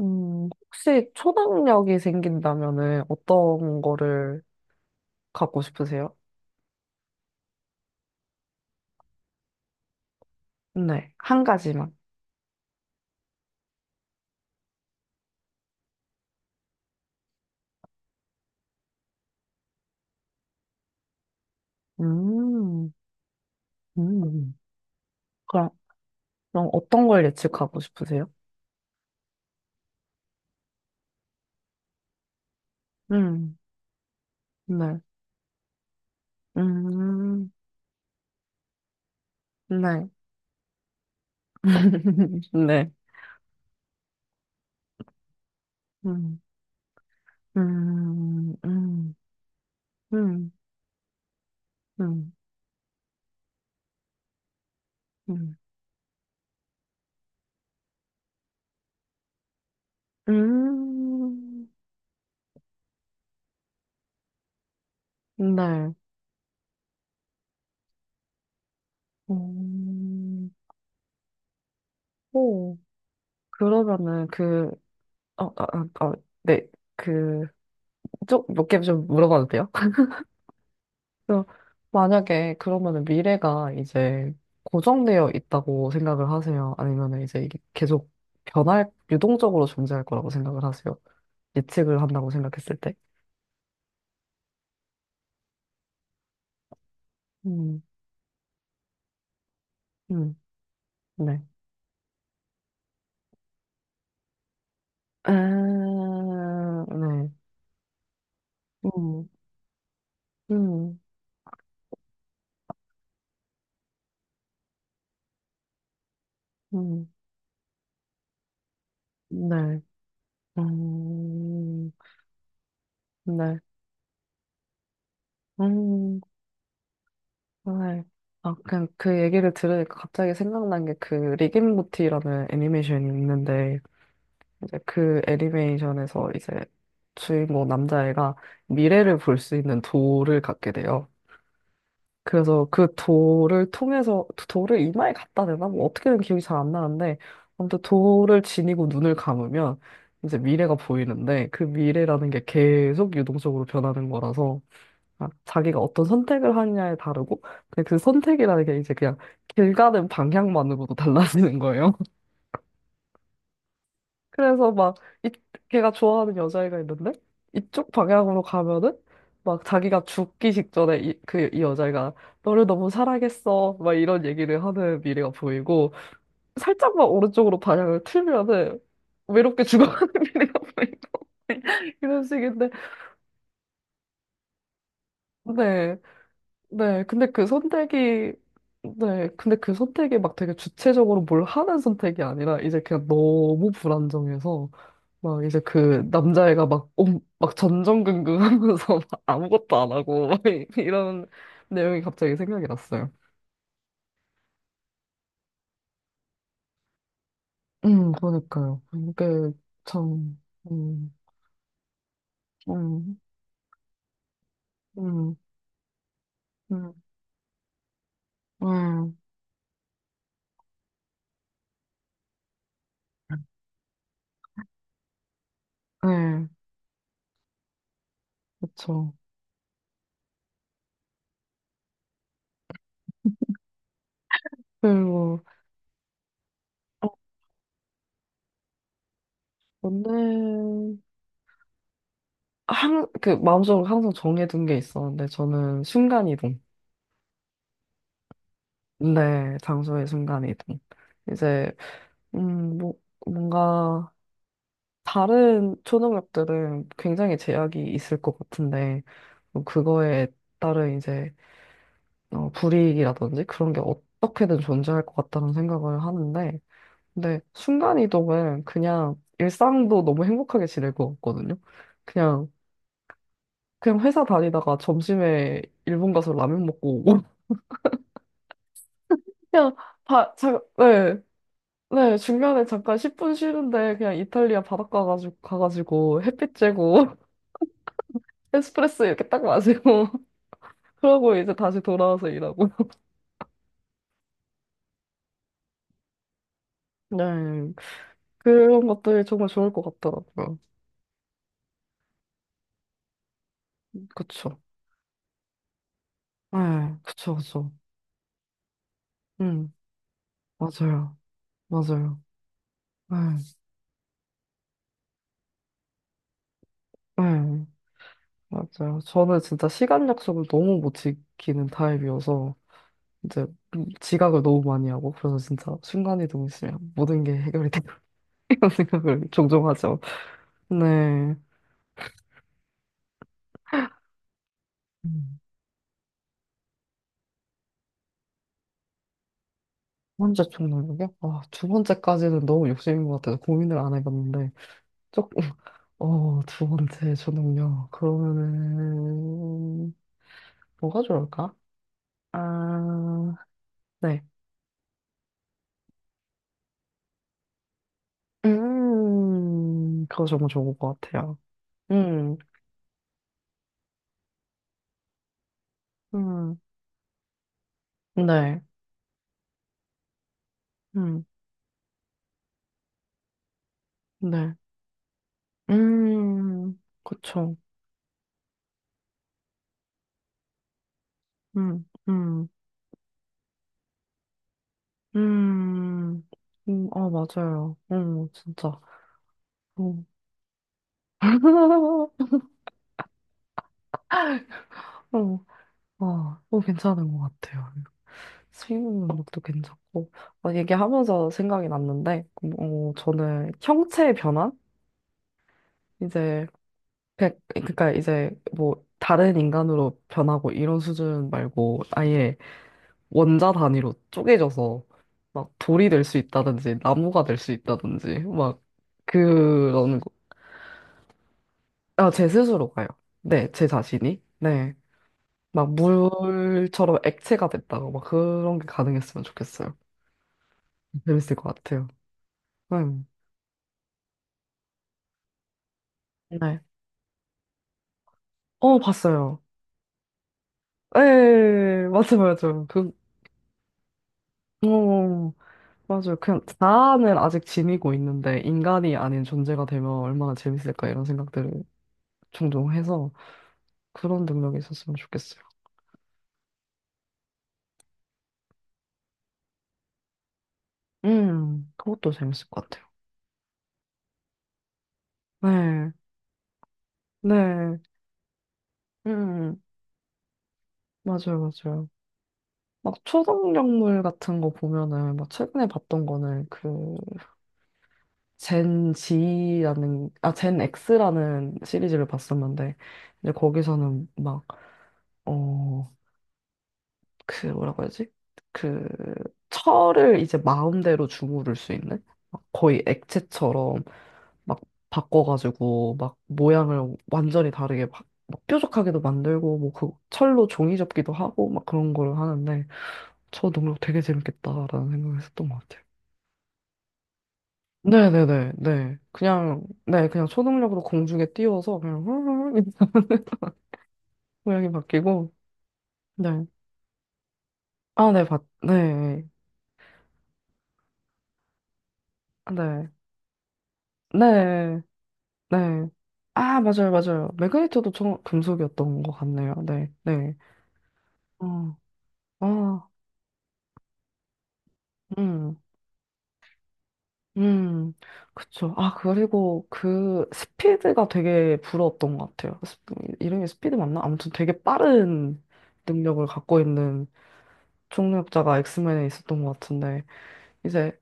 혹시 초능력이 생긴다면은 어떤 거를 갖고 싶으세요? 네, 한 가지만. 음, 음. 그럼, 그럼 어떤 걸 예측하고 싶으세요? 음, 네. 음, 네. 네. 음, 음, 음, 음, 음, 음, 음, 네. 음, 오, 그러면은 그, 어, 아아 어, 네. 그, 쪽몇 개 좀 물어봐도 돼요? 그래서 만약에 그러면은 미래가 이제 고정되어 있다고 생각을 하세요? 아니면은 이제 이게 계속 변할, 유동적으로 존재할 거라고 생각을 하세요? 예측을 한다고 생각했을 때? 음, 음, 네. 아, 네. 음, 음, 음, 네. 음, 네. 음, 네. 그냥 그 얘기를 들으니까 갑자기 생각난 게 그 리겐모티라는 애니메이션이 있는데 이제 그 애니메이션에서 이제 주인공 남자애가 미래를 볼 수 있는 돌을 갖게 돼요. 그래서 그 돌을 통해서 돌을 이마에 갖다 대나? 뭐 어떻게든 기억이 잘 안 나는데 아무튼 돌을 지니고 눈을 감으면 이제 미래가 보이는데 그 미래라는 게 계속 유동적으로 변하는 거라서 아, 자기가 어떤 선택을 하느냐에 다르고 근데 그 선택이라는 게 이제 그냥 길 가는 방향만으로도 달라지는 거예요. 그래서 막, 이, 걔가 좋아하는 여자애가 있는데, 이쪽 방향으로 가면은, 막 자기가 죽기 직전에 이 여자애가, 너를 너무 사랑했어. 막 이런 얘기를 하는 미래가 보이고, 살짝만 오른쪽으로 방향을 틀면은, 외롭게 죽어가는 미래가 보이고, 이런 식인데, 네. 네, 근데 그 선택이, 네, 근데 그 선택이 막 되게 주체적으로 뭘 하는 선택이 아니라 이제 그냥 너무 불안정해서 막 이제 그 남자애가 막, 막 전전긍긍 하면서 막 아무것도 안 하고 막 이런 내용이 갑자기 생각이 났어요. 그러니까요. 이게 참, 음, 음, 음, 음, 음, 네, 그쵸. 그리고 오늘 그 마음속으로 항상 정해둔 게 있었는데 저는 순간이동. 네, 장소의 순간이동. 이제 뭐 뭔가 다른 초능력들은 굉장히 제약이 있을 것 같은데 뭐 그거에 따른 이제 불이익이라든지 그런 게 어떻게든 존재할 것 같다는 생각을 하는데 근데 순간이동은 그냥 일상도 너무 행복하게 지낼 것 같거든요. 그냥 그냥 회사 다니다가 점심에 일본 가서 라면 먹고 오고 그냥 네, 네, 중간에 잠깐 10분 쉬는데 그냥 이탈리아 바닷가 가지고, 가가지고 햇빛 쬐고 에스프레소 이렇게 딱 마시고 그러고 이제 다시 돌아와서 일하고. 네, 그런 것들이 정말 좋을 것 같더라고요. 그쵸. 네, 그쵸, 그쵸. 음, 맞아요. 맞아요. 네, 네, 맞아요. 저는 진짜 시간 약속을 너무 못 지키는 타입이어서 이제 지각을 너무 많이 하고 그래서 진짜 순간이동이 있으면 모든 게 해결이 돼. 이런 생각을 종종 하죠. 네. 음. 혼자 총 나누게? 아, 두 번째까지는 너무 욕심인 것 같아서 고민을 안 해봤는데, 조금, 두 번째 초능력... 그러면은, 뭐가 좋을까? 아, 네. 그거 정말 좋은 것 같아요. 음, 음, 네. 음, 네. 그쵸. 음, 음, 음, 아 맞아요. 진짜. 어. 어, 와, 괜찮은 것 같아요. 수입 능력도 괜찮고. 얘기하면서 생각이 났는데, 저는 형체의 변화? 이제, 그러니까 이제 뭐 다른 인간으로 변하고 이런 수준 말고 아예 원자 단위로 쪼개져서 막 돌이 될 수 있다든지 나무가 될 수 있다든지 막 그런 거. 아, 제 스스로가요. 네, 제 자신이. 네. 막 물처럼 액체가 됐다고 막 그런 게 가능했으면 좋겠어요. 재밌을 것 같아요. 음. 네. 어, 봤어요. 예, 맞아요, 맞아요. 어, 맞아요. 그냥 자아는 아직 지니고 있는데 인간이 아닌 존재가 되면 얼마나 재밌을까 이런 생각들을 종종 해서 그런 능력이 있었으면 좋겠어요. 그것도 재밌을 것 같아요. 네, 네, 음, 맞아요, 맞아요. 막 초능력물 같은 거 보면은 막 최근에 봤던 거는 그 젠 X라는 시리즈를 봤었는데, 이제 거기서는 막, 어, 뭐라고 해야지? 그, 철을 이제 마음대로 주무를 수 있는? 막 거의 액체처럼 막 바꿔가지고, 막 모양을 완전히 다르게 막, 막 뾰족하게도 만들고, 뭐 그 철로 종이 접기도 하고, 막 그런 걸 하는데, 저 능력 되게 재밌겠다라는 생각을 했었던 것 같아요. 네네네, 네. 그냥, 네, 그냥 초능력으로 공중에 띄워서 그냥 훌훌 이렇게 모양이 바뀌고, 네. 아, 네, 네. 아, 네. 네, 네. 아, 맞아요, 맞아요. 매그니터도 금속이었던 것 같네요. 네, 네. 어, 아, 음, 음. 그쵸. 그리고 그 스피드가 되게 부러웠던 것 같아요. 이름이 스피드 맞나? 아무튼 되게 빠른 능력을 갖고 있는 초능력자가 엑스맨에 있었던 것 같은데. 이제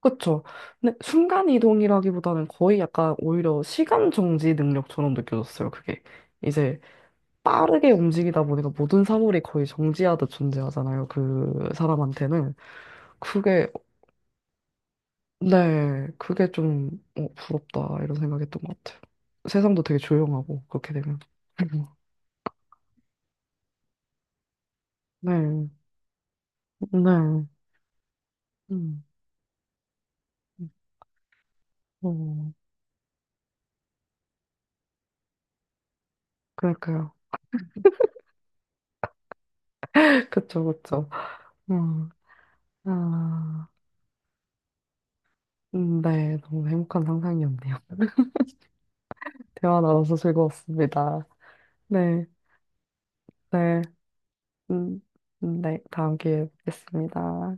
그쵸. 근데 순간 이동이라기보다는 거의 약간 오히려 시간 정지 능력처럼 느껴졌어요. 그게 이제 빠르게 움직이다 보니까 모든 사물이 거의 정지하듯 존재하잖아요. 그 사람한테는 그게 네 그게 좀 부럽다 이런 생각했던 것 같아요. 세상도 되게 조용하고 그렇게 되면 네 네. 음. 어, 그럴까요 그쵸, 그쵸. 음, 아, 네, 너무 행복한 상상이었네요. 대화 나눠서 즐거웠습니다. 네, 네, 음, 네, 다음 기회에 뵙겠습니다.